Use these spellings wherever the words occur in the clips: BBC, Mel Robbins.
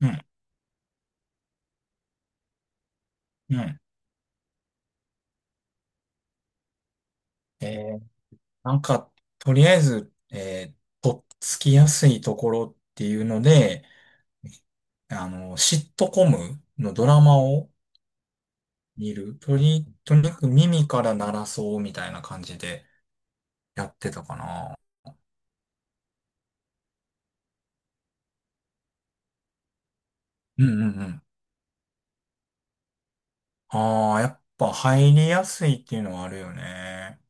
うん、うん。えー、なんか、とりあえず、とっつきやすいところっていうので、あの、シットコムのドラマを見る。とにかく耳から鳴らそうみたいな感じでやってたかな。うんうんうん。ああ、やっぱ入りやすいっていうのはあるよね。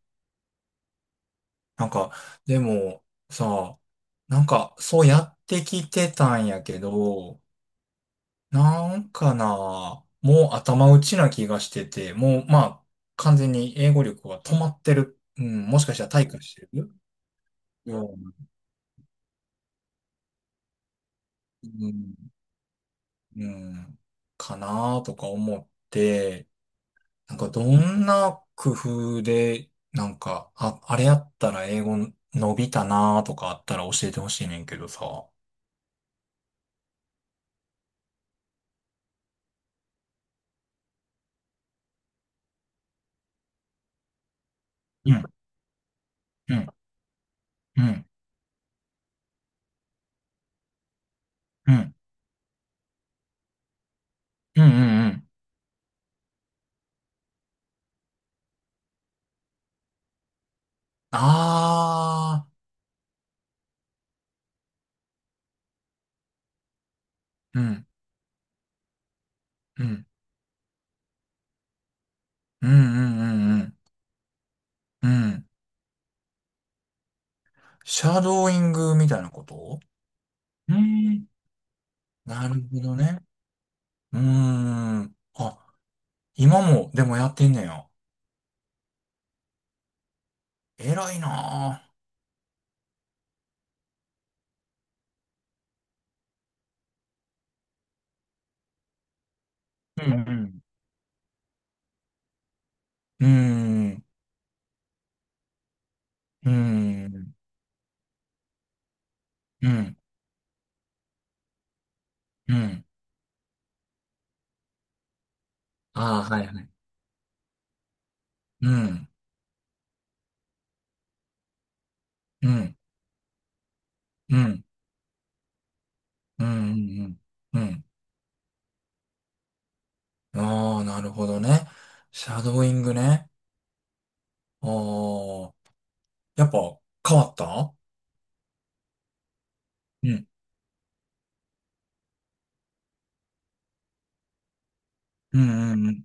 なんか、でもさ、なんかそうやってきてたんやけど、なんかな、もう頭打ちな気がしてて、もうまあ、完全に英語力は止まってる。うん、もしかしたら退化してるような、うん、うんかなとか思って、なんかどんな工夫で、なんか、あ、あれやったら英語伸びたなとかあったら教えてほしいねんけどさ。うん、うん、うん、うん、うん、うん、うん。ああ、うん、うん、うん、うん、うん、うん。うん、シャドーイングみたいなこと。うん。なるほどね。うーん。あ、今も、でもやってんねや。偉いなぁ。うんうん。うーん。うーん。うん。うん。あーはいはい。うん。うん。うん。うん。うん。ああー、なるほどね。シャドーイングね。ああ、やっぱ変わった。うん。うん。うん。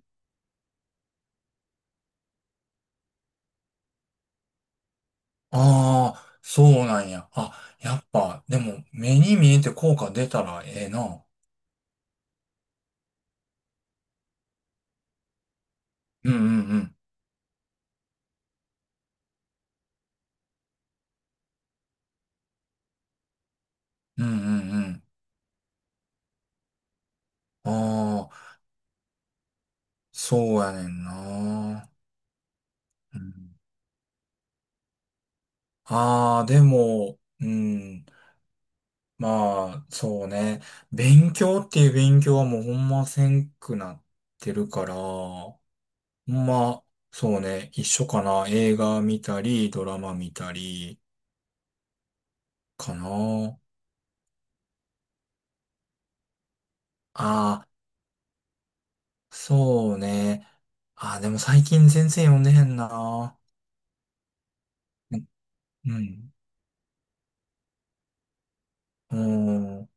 ああ、そうなんや。あ、やっぱ、でも、目に見えて効果出たらええな。うんうんうん。うんうんうん。ああ、そうやねんな。うん、ああ、でも、うん。まあ、そうね。勉強っていう勉強はもうほんませんくなってるから、ほんま、そうね。一緒かな。映画見たり、ドラマ見たり、かな。ああ。そうね。あ、でも最近全然読んでへんな。うん。うん。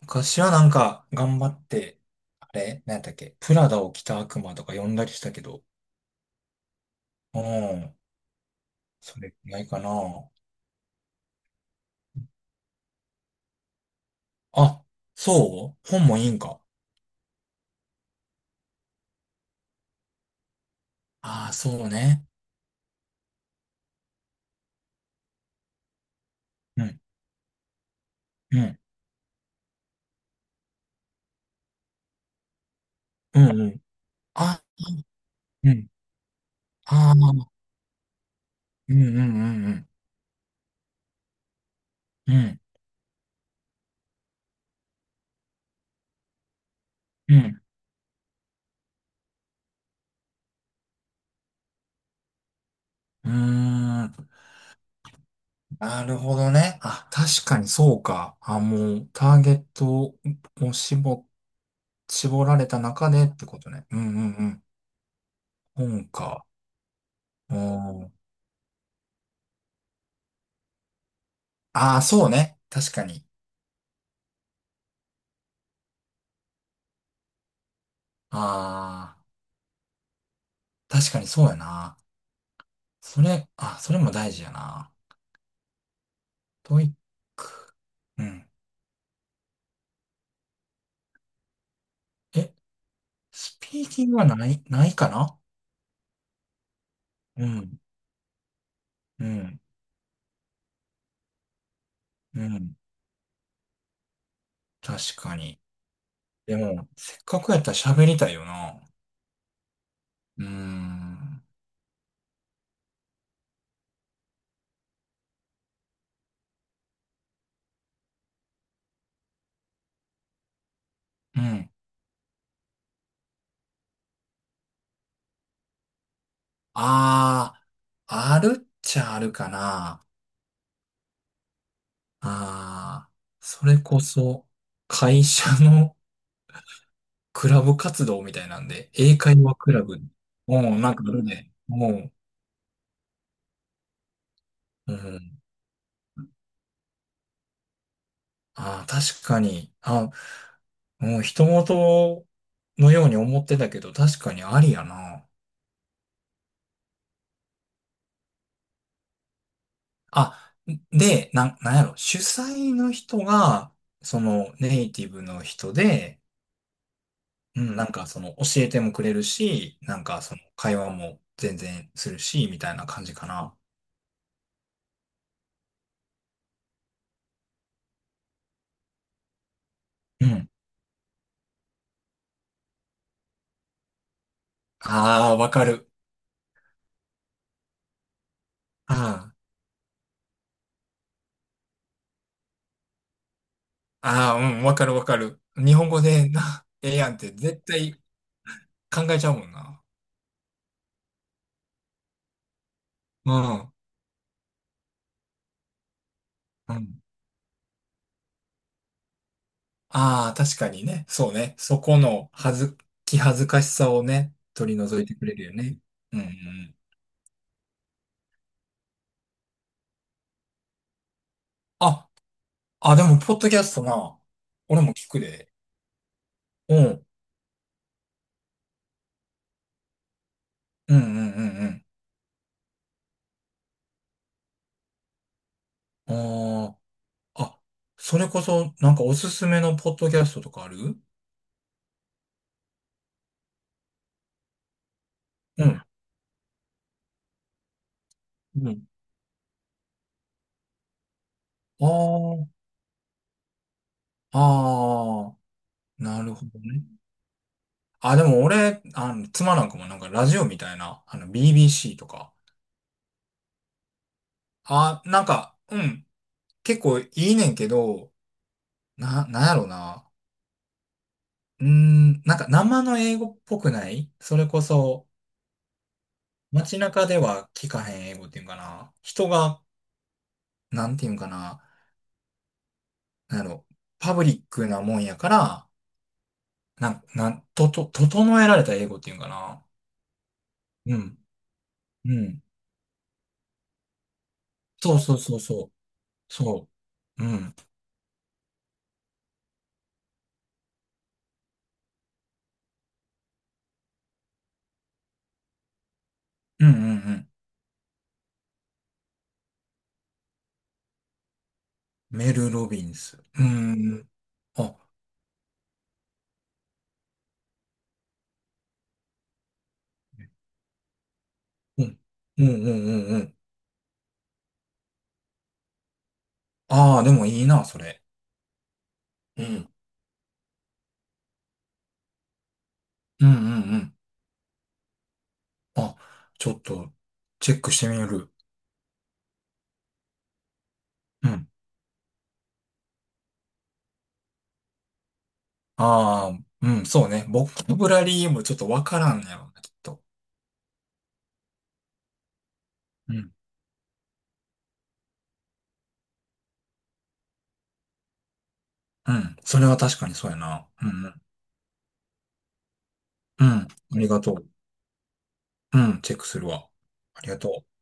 昔はなんか頑張って、あれなんだっけプラダを着た悪魔とか読んだりしたけど。うん。それくらいかな。あ、そう本もいいんか。ああ、そうね。うん。うん。うんうん。あ、うん。ああ、うんうんうんうん。うん。うん。うーん。なるほどね。あ、確かにそうか。あ、もう、ターゲットを絞られた中でってことね。うんうんうん。本か。うん、ああ、そうね。確かに。ああ、確かにそうやな。あ、それも大事やな。トイック。うん。え、スピーキングはないかな。うん、うん、うん。確かに。でも、せっかくやったら喋りたいよな。うーん。うん、ああ、あるっちゃあるかな。ああ、それこそ、会社のクラブ活動みたいなんで、英会話クラブ。うん、なんかあるね。もう、うん。ああ、確かに。あ、うん、人事のように思ってたけど、確かにありやな。あ、で、なんやろ、主催の人が、そのネイティブの人で、うん、なんかその教えてもくれるし、なんかその会話も全然するし、みたいな感じかな。うん。ああ、わかる。ああ、ああ、うん、わかるわかる。日本語でな、ええやんって絶対考えちゃうもんな。うん。うん。ああ、確かにね。そうね。そこのはず、気恥ずかしさをね、取り除いてくれるよね。うんうん。あ、あ、でも、ポッドキャストな。俺も聞くで。うん。うんうんうんうん。あーあ、それこそ、なんかおすすめのポッドキャストとかある。うん。うん。ああ、ああ、なるほどね。あ、でも俺、あの、妻なんかもなんかラジオみたいな、あの、BBC とか。あ、なんか、うん、結構いいねんけど、なんやろな。うーん、なんか生の英語っぽくない、それこそ、街中では聞かへん英語っていうんかな。人が、なんていうんかな。なんやろ、パブリックなもんやから、なん、なん、と、整えられた英語っていうんかな。うん。うん。そうそうそうそう。そう。うん。うんうんうん。メル・ロビンス。うん。あ、うん。うんうんうんうん。ああ、でもいいな、それ。うん。うんうんうん。あ、ちょっと、チェックしてみる。うん。ああ、うん、そうね。ボキャブラリーもちょっとわからんねやろうね、きっと。うん。うん。それは確かにそうやな。うんうん。うん。ありがとう。うん、チェックするわ。ありがとう。